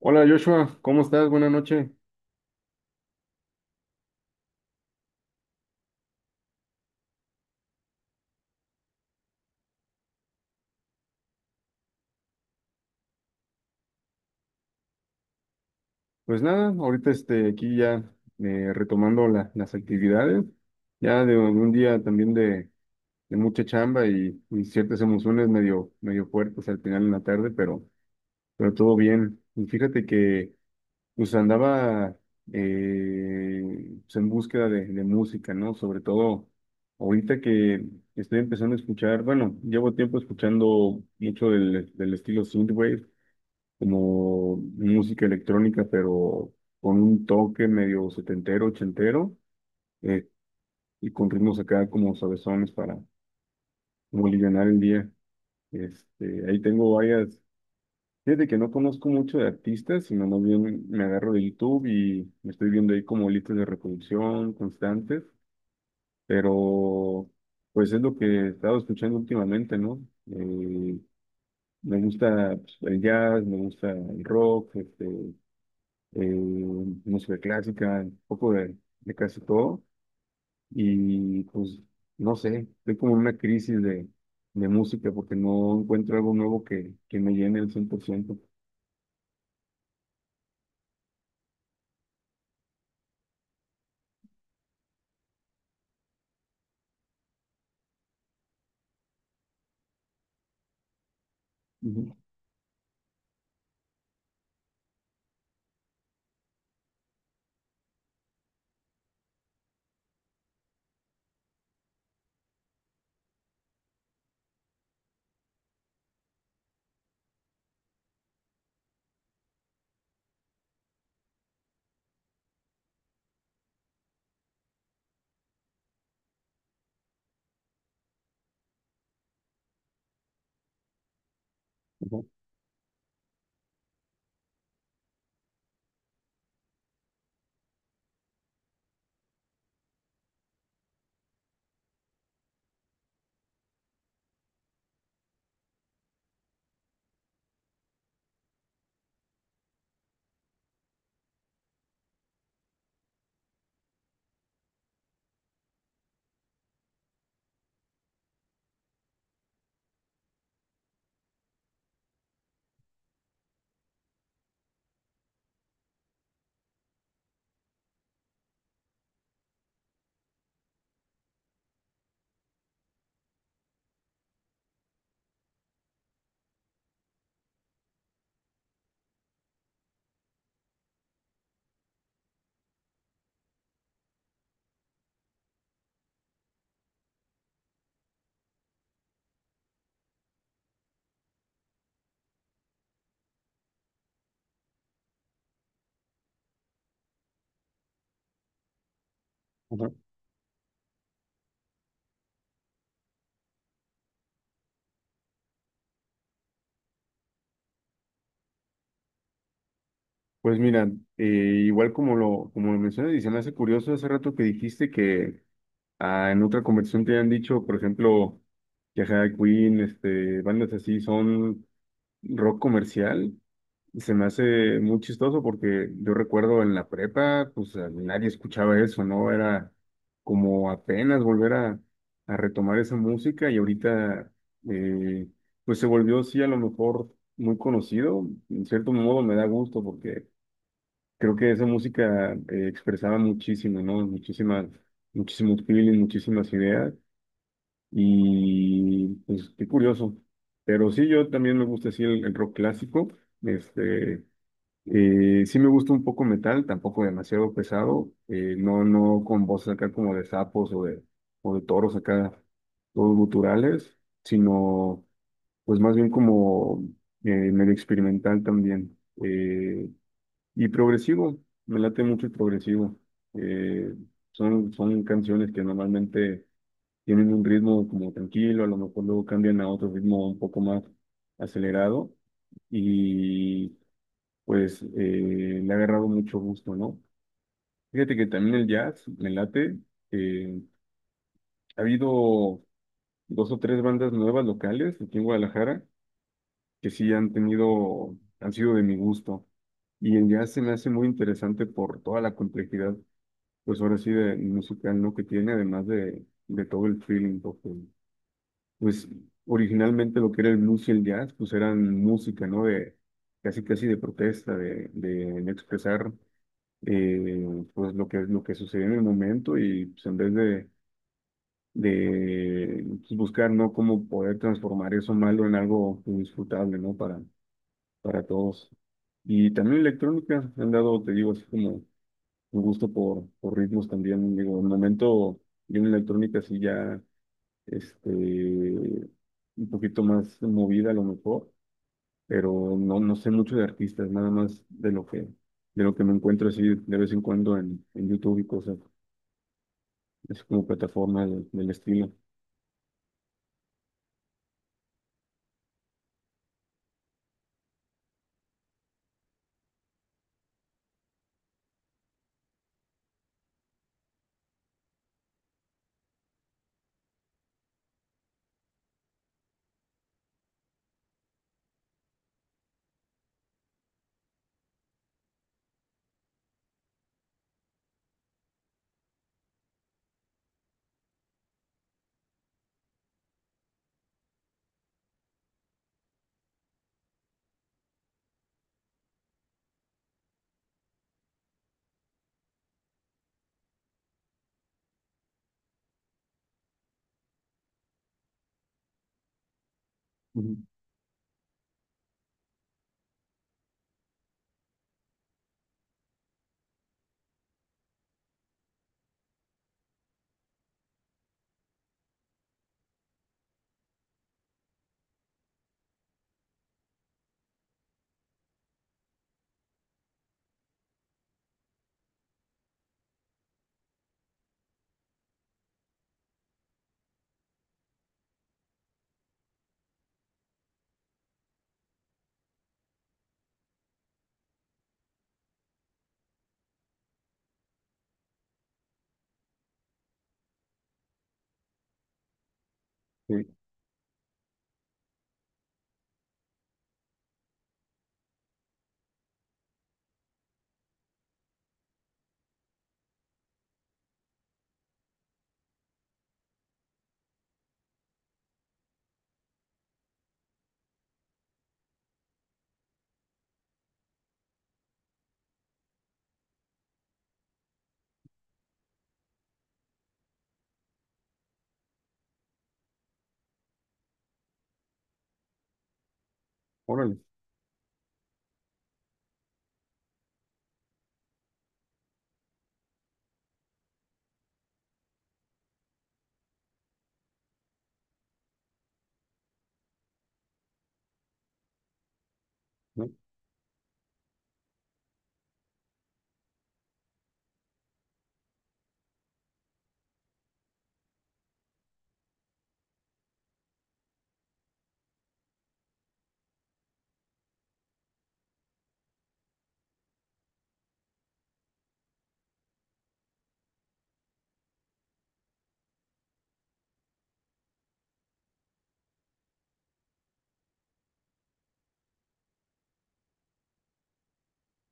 Hola Joshua, ¿cómo estás? Buenas noches. Pues nada, ahorita aquí ya retomando las actividades, ya de un día también de mucha chamba y ciertas emociones medio, medio fuertes al final en la tarde, pero todo bien. Y fíjate que pues andaba en búsqueda de música, ¿no? Sobre todo ahorita que estoy empezando a escuchar, bueno, llevo tiempo escuchando mucho del estilo synthwave como música electrónica, pero con un toque medio setentero, ochentero, eh, y con ritmos acá como sabesones para como alivianar el día. Este, ahí tengo varias, fíjate que no conozco mucho de artistas, sino más bien me agarro de YouTube y me estoy viendo ahí como listas de reproducción constantes, pero pues es lo que he estado escuchando últimamente, ¿no? Eh, Me gusta pues, el jazz, me gusta el rock, eh, música clásica, un poco de casi todo. Y pues, no sé, estoy como en una crisis de música porque no encuentro algo nuevo que me llene el 100%. Ujú, ujú, ujú. Pues mira, eh, igual como lo mencionas, y se me hace curioso hace rato que dijiste que ah, en otra conversación te han dicho, por ejemplo, que ajá, Queen, este, bandas así son rock comercial. Se me hace muy chistoso porque yo recuerdo en la prepa, nadie escuchaba eso, ¿no? Era como apenas volver a retomar esa música y ahorita, eh, pues se volvió, sí, a lo mejor muy conocido. En cierto modo me da gusto porque creo que esa música expresaba muchísimo, ¿no? Muchísimas, muchísimos feelings, muchísimas ideas y pues qué curioso. Pero sí, yo también me gusta, sí, el rock clásico. Este, sí me gusta un poco metal, tampoco demasiado pesado, no, no con voces acá como de sapos o de toros acá, todos guturales, sino pues más bien como medio experimental también. eh, y progresivo, me late mucho el progresivo. eh, Son, son canciones que normalmente tienen un ritmo como tranquilo, a lo mejor luego cambian a otro ritmo un poco más acelerado y pues le ha agarrado mucho gusto, ¿no? Fíjate que también el jazz me late. eh, Ha habido dos o tres bandas nuevas locales aquí en Guadalajara que sí han tenido, han sido de mi gusto. Y el jazz se me hace muy interesante por toda la complejidad, pues ahora sí, de musical, ¿no? Que tiene, además de todo el feeling, porque, pues originalmente lo que era el blues y el jazz, pues eran música, ¿no? De casi, casi de protesta, de expresar. Pues lo que sucedió en el momento y pues, en vez de pues, buscar, ¿no? Cómo poder transformar eso malo en algo disfrutable, ¿no? Para todos. Y también electrónica, han dado, te digo, así como un gusto por ritmos también, digo, en el momento yo en electrónica sí ya, un poquito más movida a lo mejor, pero no, no sé mucho de artistas, nada más de lo que me encuentro así de vez en cuando en YouTube y cosas. Es como plataforma del estilo. Ujú. Sí, órale, ¿no?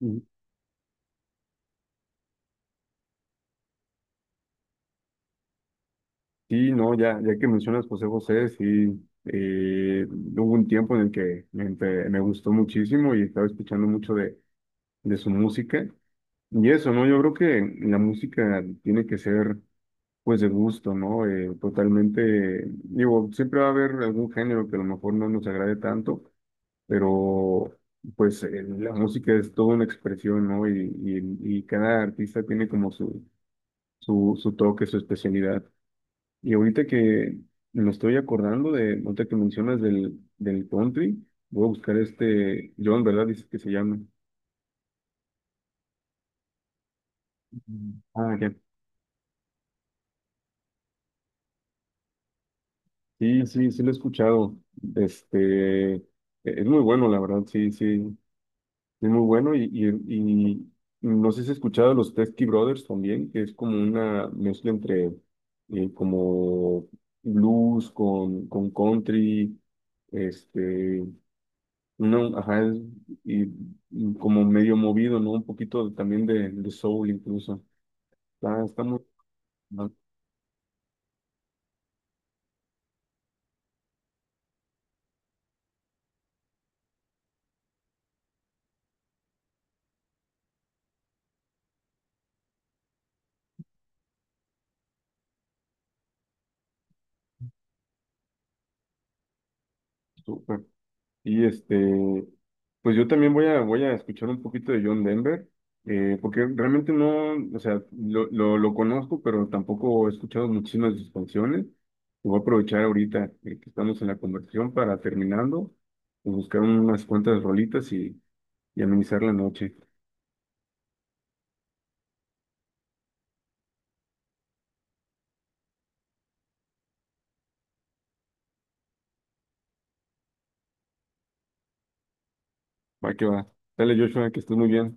Ujú. Sí, no, ya, ya que mencionas José José, sí, hubo un tiempo en el que me, me gustó muchísimo y estaba escuchando mucho de su música. Y eso, ¿no? Yo creo que la música tiene que ser, pues, de gusto, ¿no? Totalmente, digo, siempre va a haber algún género que a lo mejor no nos agrade tanto, pero pues la música es toda una expresión, ¿no? Y cada artista tiene como su toque, su especialidad. Y ahorita que me estoy acordando de, ahorita que mencionas del, del country, voy a buscar este, John, ¿verdad? Dice que se llama. Ujú. Ah, ya. Sí, sí, sí lo he escuchado. Este, e-, es muy bueno, la verdad, sí, sí. Es muy bueno y, y no sé si has escuchado los Testy Brothers también, que es como una mezcla entre como blues con country, este, uno, ajá, y, y como medio movido, ¿no? Un poquito también de soul incluso. Está, está muy, ah, súper. Y este, pues yo también voy a, voy a escuchar un poquito de John Denver, porque realmente no, o sea, lo conozco, pero tampoco he escuchado muchísimas de sus canciones. Y voy a aprovechar ahorita que estamos en la conversación para terminando, pues, buscar unas cuantas rolitas y amenizar la noche. Va que va. Dale, Joshua, que estés muy bien.